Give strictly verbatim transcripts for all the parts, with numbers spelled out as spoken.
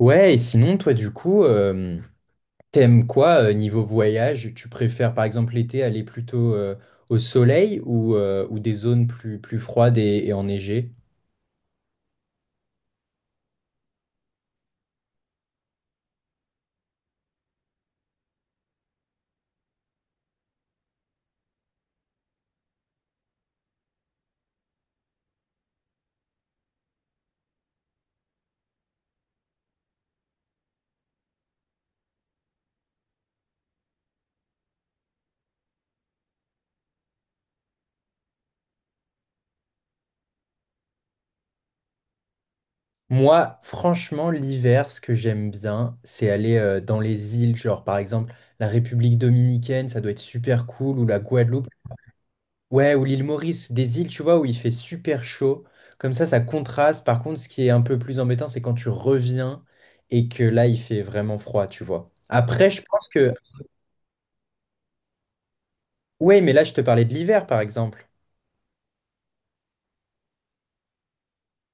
Ouais, et sinon, toi, du coup, euh, t'aimes quoi euh, niveau voyage? Tu préfères, par exemple, l'été aller plutôt euh, au soleil ou, euh, ou des zones plus, plus froides et, et enneigées? Moi, franchement, l'hiver, ce que j'aime bien, c'est aller euh, dans les îles, genre par exemple la République dominicaine, ça doit être super cool, ou la Guadeloupe. Ouais, ou l'île Maurice, des îles, tu vois, où il fait super chaud. Comme ça, ça contraste. Par contre, ce qui est un peu plus embêtant, c'est quand tu reviens et que là, il fait vraiment froid, tu vois. Après, je pense que... Ouais, mais là, je te parlais de l'hiver, par exemple.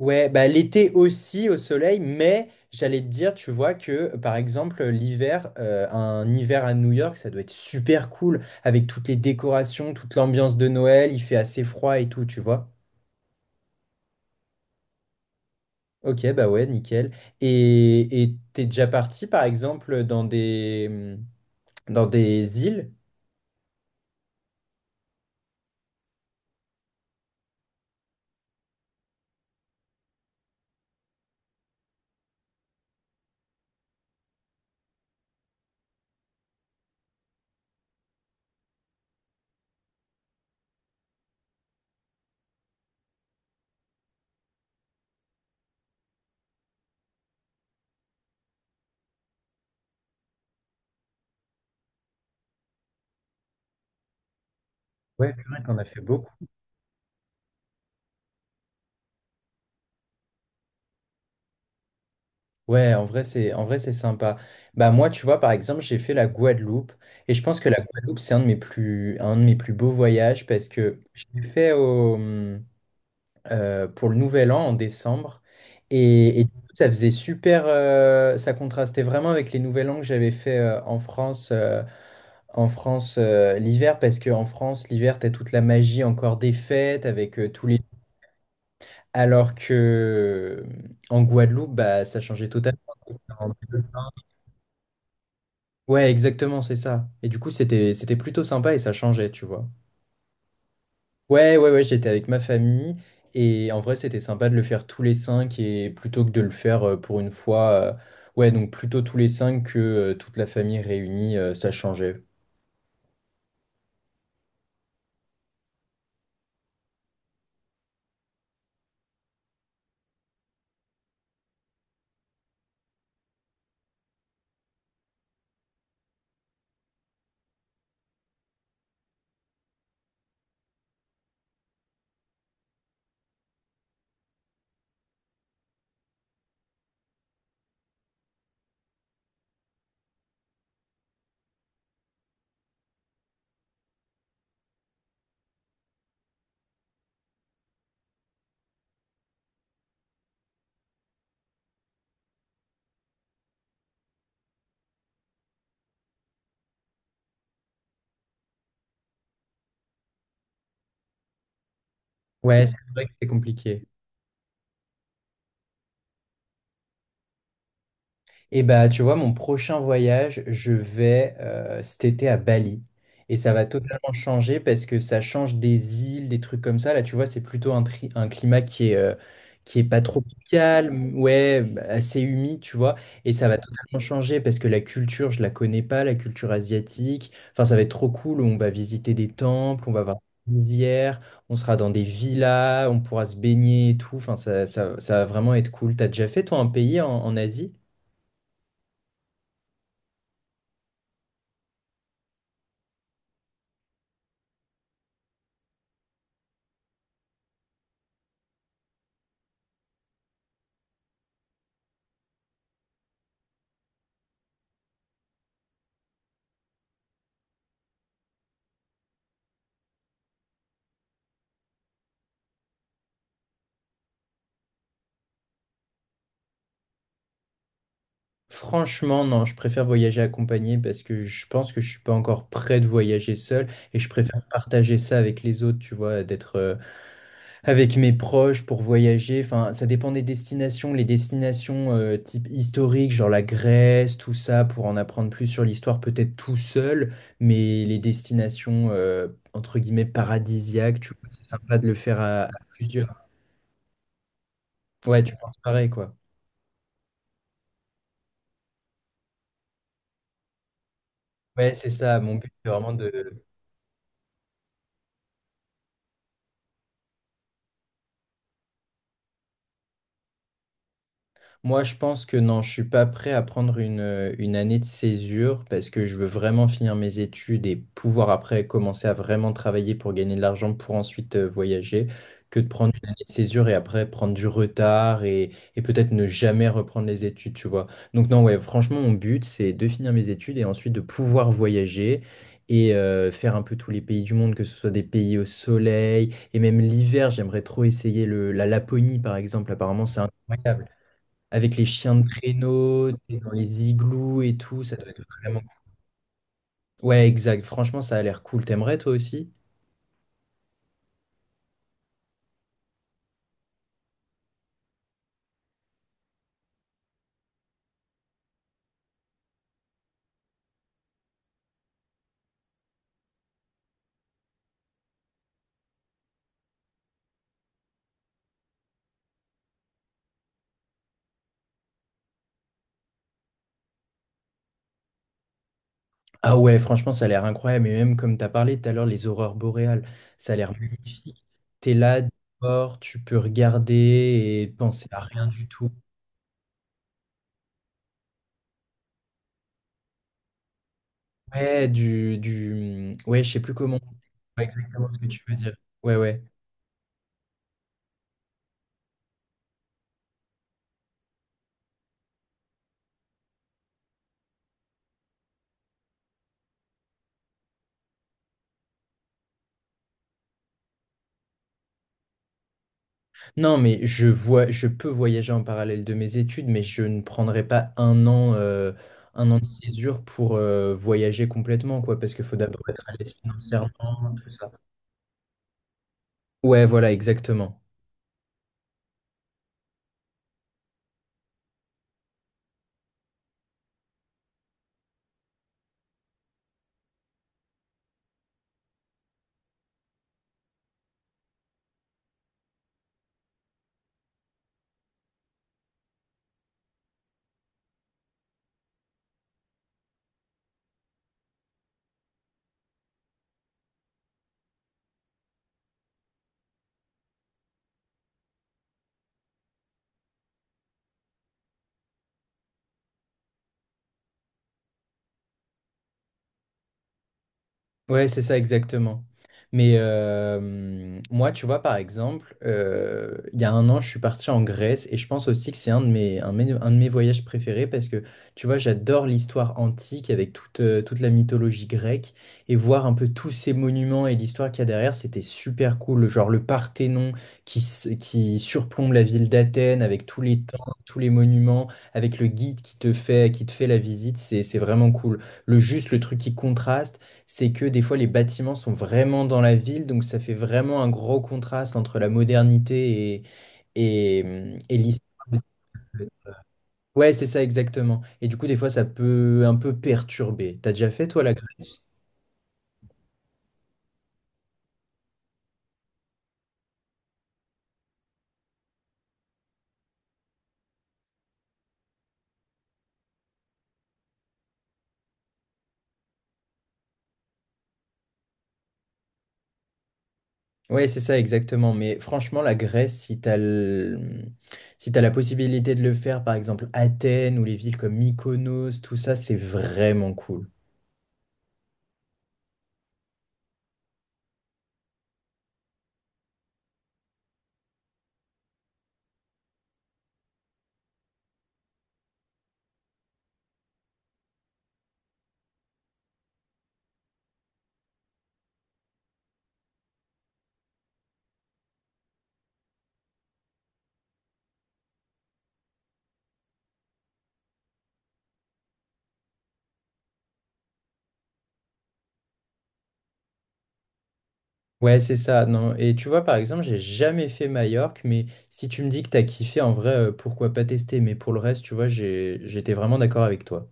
Ouais, bah l'été aussi au soleil, mais j'allais te dire, tu vois, que par exemple, l'hiver, euh, un hiver à New York, ça doit être super cool, avec toutes les décorations, toute l'ambiance de Noël, il fait assez froid et tout, tu vois. Ok, bah ouais, nickel. Et et t'es déjà parti, par exemple, dans des, mmh, dans des îles? Ouais, purée, t'en as fait beaucoup. Ouais, en vrai, c'est, en vrai, c'est sympa. Bah moi, tu vois, par exemple, j'ai fait la Guadeloupe. Et je pense que la Guadeloupe, c'est un de mes plus, un de mes plus beaux voyages parce que je l'ai fait au, mmh, euh, pour le Nouvel An en décembre. Et, et du coup, ça faisait super, euh, ça contrastait vraiment avec les Nouvel An que j'avais fait euh, en France. euh, En France, euh, l'hiver, parce qu'en France, l'hiver, t'as toute la magie encore des fêtes avec euh, tous les... Alors que euh, en Guadeloupe, bah, ça changeait totalement. Ouais, exactement, c'est ça. Et du coup, c'était c'était plutôt sympa et ça changeait, tu vois. Ouais, ouais, ouais, j'étais avec ma famille et en vrai, c'était sympa de le faire tous les cinq et plutôt que de le faire euh, pour une fois. Euh, ouais, donc plutôt tous les cinq que euh, toute la famille réunie, euh, ça changeait. Ouais, c'est vrai que c'est compliqué. Et bah, tu vois, mon prochain voyage, je vais euh, cet été à Bali. Et ça va totalement changer parce que ça change des îles, des trucs comme ça. Là, tu vois, c'est plutôt un, tri- un climat qui est, euh, qui est pas tropical, m- ouais, bah, assez humide, tu vois. Et ça va totalement changer parce que la culture, je la connais pas, la culture asiatique. Enfin, ça va être trop cool. On va visiter des temples, on va voir des rizières, on sera dans des villas, on pourra se baigner et tout. Enfin, ça, ça, ça va vraiment être cool. T'as déjà fait, toi, un pays en en Asie? Franchement, non, je préfère voyager accompagné parce que je pense que je suis pas encore prêt de voyager seul et je préfère partager ça avec les autres, tu vois, d'être euh, avec mes proches pour voyager. Enfin, ça dépend des destinations. Les destinations euh, type historique, genre la Grèce, tout ça, pour en apprendre plus sur l'histoire, peut-être tout seul, mais les destinations euh, entre guillemets paradisiaques, tu vois, c'est sympa de le faire à, à plusieurs. Ouais, tu penses pareil, quoi. Ouais, c'est ça. Mon but, c'est vraiment de Moi, je pense que non, je suis pas prêt à prendre une, euh, une année de césure parce que je veux vraiment finir mes études et pouvoir après commencer à vraiment travailler pour gagner de l'argent pour ensuite euh, voyager que de prendre une année de césure et après prendre du retard et, et peut-être ne jamais reprendre les études, tu vois. Donc non, ouais, franchement, mon but, c'est de finir mes études et ensuite de pouvoir voyager. Et euh, faire un peu tous les pays du monde, que ce soit des pays au soleil, et même l'hiver, j'aimerais trop essayer le, la Laponie, par exemple. Apparemment, c'est incroyable. Avec les chiens de traîneau, t'es dans les igloos et tout, ça doit être vraiment... cool. Ouais, exact. Franchement, ça a l'air cool. T'aimerais toi aussi? Ah ouais, franchement, ça a l'air incroyable. Et même comme t'as parlé tout à l'heure, les aurores boréales, ça a l'air magnifique. T'es là, dehors, tu peux regarder et penser à rien du tout. Ouais, du, du... Ouais, je sais plus comment. Ouais, exactement ce que tu veux dire. Ouais, ouais. Non, mais je vois, je peux voyager en parallèle de mes études, mais je ne prendrai pas un an, euh, un an de césure pour euh, voyager complètement, quoi, parce qu'il faut d'abord être à l'aise financièrement, tout ça. Ouais, voilà, exactement. Ouais, c'est ça exactement. Mais euh, moi, tu vois, par exemple, euh, il y a un an, je suis parti en Grèce et je pense aussi que c'est un de mes, un, de mes- un de mes voyages préférés parce que, tu vois, j'adore l'histoire antique avec toute, euh, toute la mythologie grecque et voir un peu tous ces monuments et l'histoire qu'il y a derrière, c'était super cool. Genre le Parthénon qui, s- qui surplombe la ville d'Athènes avec tous les temples, tous les monuments, avec le guide qui te fait, qui te fait la visite, c'est, c'est vraiment cool. Le juste, le truc qui contraste c'est que des fois les bâtiments sont vraiment dans la ville, donc ça fait vraiment un gros contraste entre la modernité et, et, hum, et l'histoire. Ouais, c'est ça exactement. Et du coup, des fois, ça peut un peu perturber. T'as déjà fait, toi, la Grèce? Ouais, c'est ça exactement. Mais franchement, la Grèce, si t'as le- si t'as la possibilité de le faire, par exemple, Athènes ou les villes comme Mykonos, tout ça, c'est vraiment cool. Ouais, c'est ça. Non. Et tu vois, par exemple, j'ai jamais fait Majorque, mais si tu me dis que t'as kiffé, en vrai, euh, pourquoi pas tester? Mais pour le reste, tu vois, j'ai, j'étais vraiment d'accord avec toi.